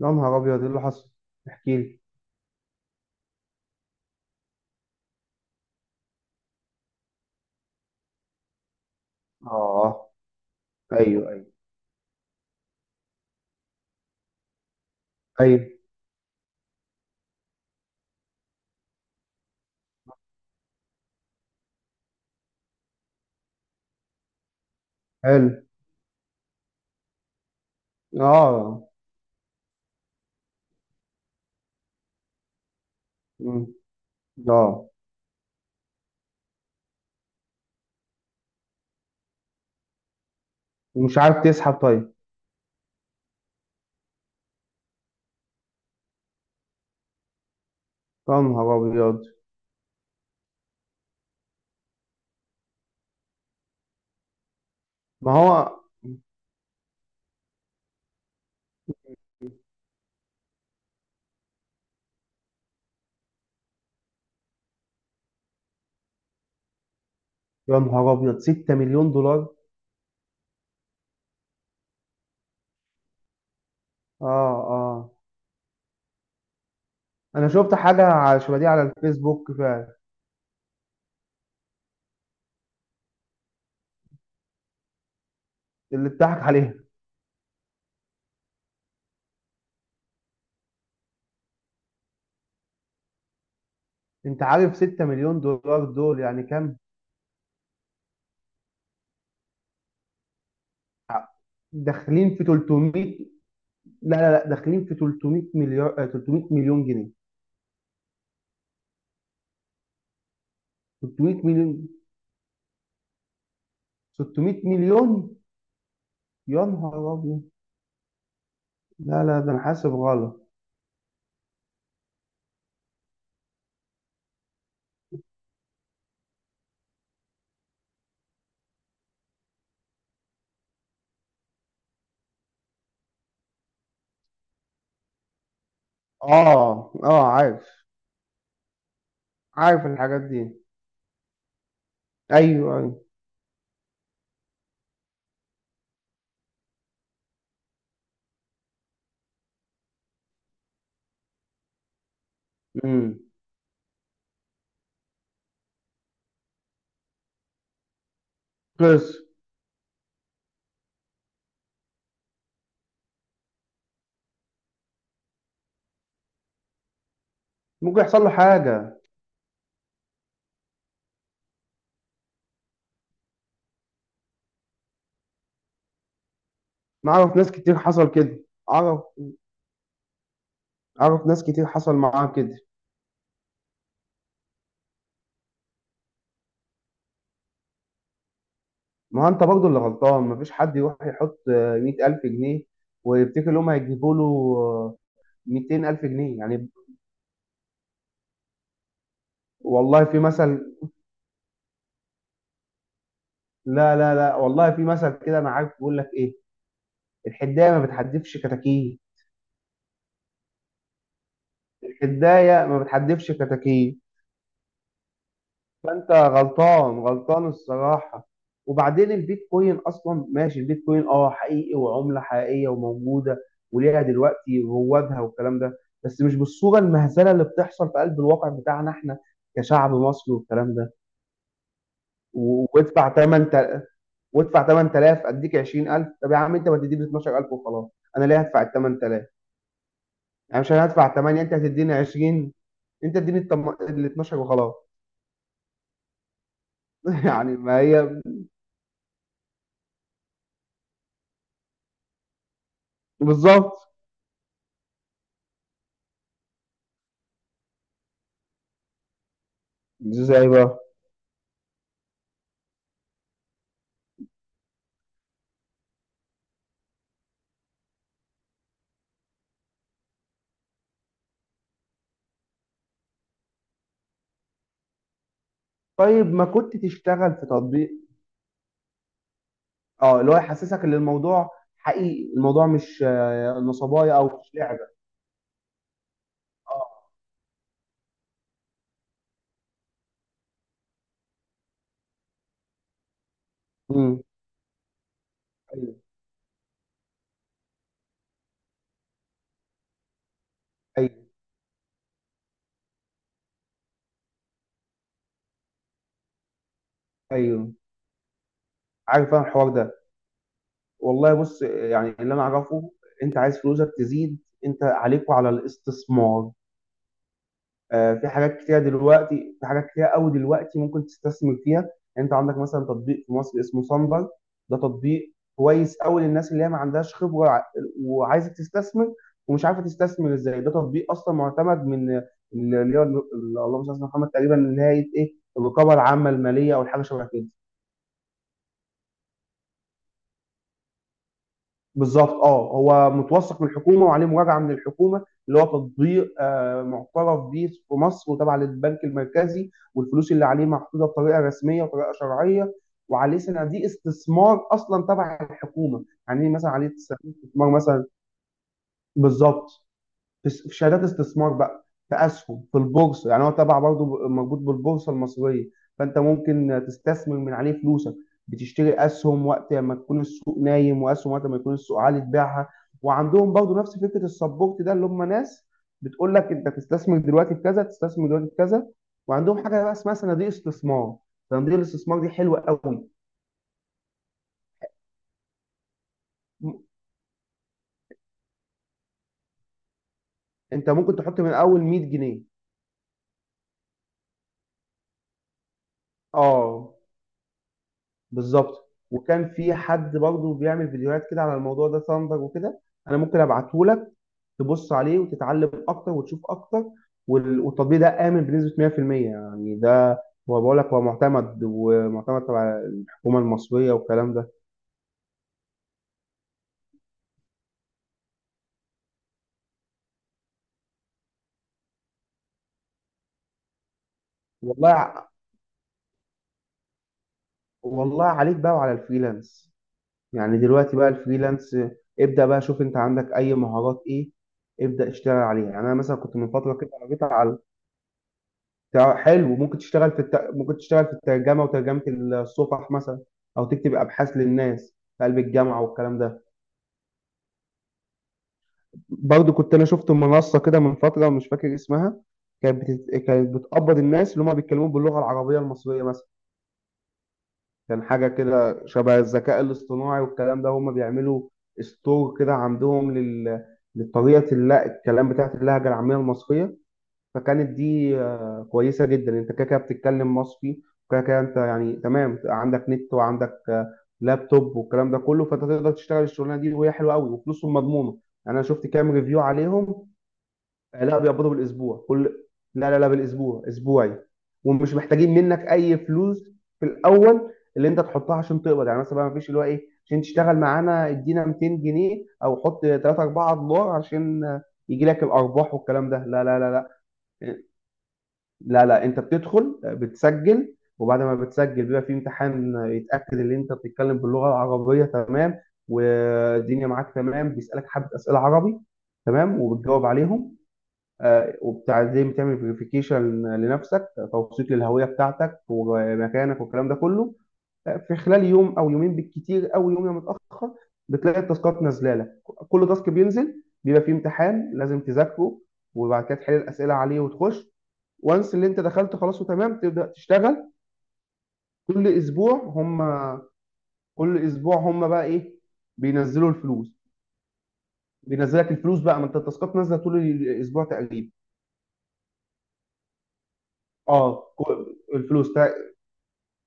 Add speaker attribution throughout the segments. Speaker 1: يا نهار ابيض! ايه اللي حصل؟ احكي لي. اه. ايوه، ايوه، ايوه. حلو. اه. مم. اه. ومش عارف تسحب؟ طيب. يا نهار ابيض! ما هو. يا نهار ابيض! 6 مليون دولار. اه، اه، انا شفت حاجه شبه دي على الفيسبوك فعلا. اللي اتضحك عليها. انت عارف 6 مليون دولار دول يعني كام؟ داخلين في 300. لا لا لا، داخلين في 300 مليار، 300 مليون جنيه. 300 مليون. 600 مليون. يا نهار أبيض! لا لا، ده أنا حاسب غلط. آه آه، عارف. عارف الحاجات دي. أيوه أيوه. أمم بس ممكن يحصل له حاجة. أنا أعرف ناس كتير حصل كده. أعرف. أعرف ناس كتير حصل معاها كده. ما هو أنت برضه اللي غلطان. مفيش حد يروح يحط 100 ألف جنيه ويفتكر إن هم هيجيبوا له 200 ألف جنيه يعني. والله في مثل، لا لا لا، والله في مثل كده، أنا عارف بيقول لك إيه. الحداية ما بتحدفش كتاكيت. الحداية ما بتحدفش كتاكيت. فانت غلطان، غلطان الصراحه. وبعدين البيتكوين اصلا ماشي، البيتكوين حقيقي، وعمله حقيقيه وموجوده، وليها دلوقتي روادها والكلام ده. بس مش بالصوره المهزله اللي بتحصل في قلب الواقع بتاعنا احنا كشعب مصري والكلام ده. وادفع 8، وادفع 8000 اديك 20000. طب يا عم انت ما تديني 12000 وخلاص؟ انا ليه هدفع ال 8000؟ يعني مش انا هدفع 8 انت هتديني 20، انت اديني ال 12 وخلاص. يعني، ما هي بالظبط. ازاي بقى؟ طيب ما كنت تشتغل في تطبيق؟ اه، اللي هو يحسسك ان الموضوع حقيقي، الموضوع مش نصبايا او مش لعبه. اه، امم ايوه، ايوه، ايوه، عارف انا الحوار ده. والله بص، يعني اللي انا اعرفه، انت عايز فلوسك تزيد، انت عليك وعلى الاستثمار. في حاجات كتيرة دلوقتي، في حاجات كتيرة قوي دلوقتي ممكن تستثمر فيها. يعني انت عندك مثلا تطبيق في مصر اسمه سنبل. ده تطبيق كويس قوي للناس اللي هي ما عندهاش خبرة وعايزة تستثمر ومش عارفة تستثمر ازاي. ده تطبيق اصلا معتمد من اللي هي، اللهم صل على سيدنا محمد، تقريبا اللي هي ايه، الرقابة العامة المالية او حاجة شبه كده. بالضبط. هو متوثّق من الحكومة وعليه مراجعة من الحكومة، اللي هو تطبيق مُعترف بيه في مصر وتابع للبنك المركزي، والفلوس اللي عليه محطوطة بطريقة رسمية وطريقة شرعية، وعليه صناديق استثمار أصلًا تبع الحكومة، يعني مثلًا عليه صناديق استثمار مثلًا. بالضبط. في شهادات استثمار بقى، في اسهم في البورصه. يعني هو تبع برضه مربوط بالبورصه المصريه. فانت ممكن تستثمر من عليه فلوسك، بتشتري اسهم وقت ما تكون السوق نايم، واسهم وقت ما يكون السوق عالي تبيعها. وعندهم برضه نفس فكره السبورت ده، اللي هم ناس بتقول لك انت تستثمر دلوقتي في كذا، تستثمر دلوقتي في كذا. وعندهم حاجه بقى اسمها صناديق استثمار. صناديق الاستثمار دي حلوه قوي. م- انت ممكن تحط من اول 100 جنيه. اه بالظبط. وكان في حد برضه بيعمل فيديوهات كده على الموضوع ده، ثاندر وكده. انا ممكن ابعته لك تبص عليه وتتعلم اكتر وتشوف اكتر. والتطبيق ده امن بنسبه 100%، يعني ده هو بقول لك هو معتمد، ومعتمد تبع الحكومه المصريه والكلام ده. والله ع- والله عليك بقى وعلى الفريلانس. يعني دلوقتي بقى الفريلانس، ابدا بقى شوف انت عندك اي مهارات ايه، ابدا اشتغل عليها. يعني انا مثلا كنت من فتره كده قريت على حلو، ممكن تشتغل في ممكن تشتغل في الترجمة، وترجمة الصفح مثلا، أو تكتب أبحاث للناس في قلب الجامعة والكلام ده. برضو كنت أنا شفت منصة كده من فترة مش فاكر اسمها. كانت بتقبض الناس اللي هم بيتكلموا باللغة العربية المصرية مثلا. كان حاجة كده شبه الذكاء الاصطناعي والكلام ده، هم بيعملوا ستور كده عندهم لطريقة الكلام بتاعت اللهجة العامية المصرية. فكانت دي كويسه جدا. انت كده كده بتتكلم مصري، وكده كده انت يعني تمام، عندك نت وعندك لابتوب والكلام ده كله، فانت تقدر تشتغل الشغلانه دي، وهي حلوه قوي وفلوسهم مضمونه. يعني انا شفت كام ريفيو عليهم. لا بيقبضوا بالاسبوع، لا لا لا، بالاسبوع اسبوعي. ومش محتاجين منك اي فلوس في الاول اللي انت تحطها عشان تقبض، يعني مثلا ما فيش اللي هو ايه عشان تشتغل معانا ادينا 200 جنيه او حط 3 4 دولار عشان يجي لك الارباح والكلام ده. لا لا لا لا، لا لا، انت بتدخل، بتسجل، وبعد ما بتسجل بيبقى في امتحان يتاكد ان انت بتتكلم باللغه العربيه تمام، والدنيا معاك تمام، بيسالك حبه اسئله عربي تمام وبتجاوب عليهم. وبتعزم تعمل فيريفيكيشن لنفسك، توثيق للهويه بتاعتك ومكانك والكلام ده كله. في خلال يوم او يومين بالكتير، او يوم يا متاخر، بتلاقي التاسكات نازله لك. كل تاسك بينزل بيبقى فيه امتحان لازم تذاكره، وبعد كده تحل الاسئله عليه وتخش، وانس اللي انت دخلت خلاص وتمام تبدا تشتغل. كل اسبوع هم كل اسبوع هم بقى ايه، بينزلوا الفلوس. بينزلك الفلوس بقى، ما انت التاسكات نازله طول الاسبوع تقريبا. اه الفلوس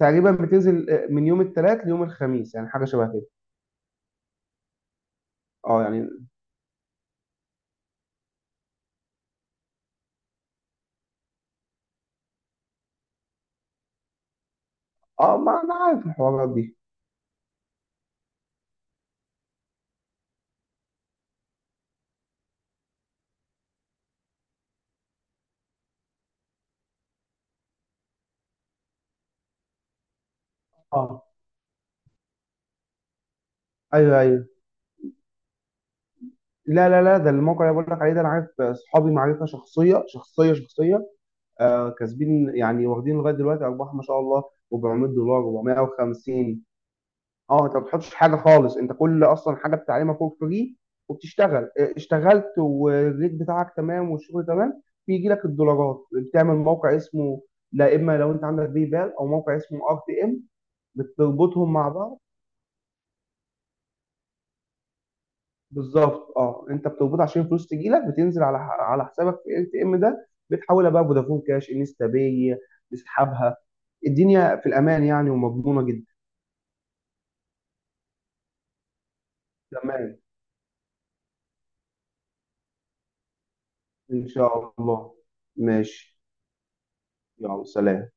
Speaker 1: تقريبا بتنزل من يوم الثلاث ليوم الخميس، يعني حاجه شبه كده. اه يعني. اه ما انا عارف الحوارات دي. اه ايوه ايوه. لا لا لا، ده الموقع اللي بقول لك عليه، ده انا عارف اصحابي معرفه شخصيه شخصيه شخصيه. آه كاسبين يعني، واخدين لغايه دلوقتي ارباح ما شاء الله، 400 دولار 450. اه انت ما بتحطش حاجه خالص، انت كل اصلا حاجه بتتعلمها فور فري. وبتشتغل اشتغلت والريت بتاعك تمام والشغل تمام، بيجي لك الدولارات. بتعمل موقع اسمه، لا، اما لو انت عندك باي بال او موقع اسمه ار تي ام بتربطهم مع بعض. بالظبط. اه، انت بتربط عشان الفلوس تجي لك، بتنزل على حسابك في ار تي ام ده، بتحولها بقى فودافون كاش انستا باي، تسحبها. الدنيا في الامان يعني ومضمونه جدا. تمام، ان شاء الله. ماشي يلا. سلام.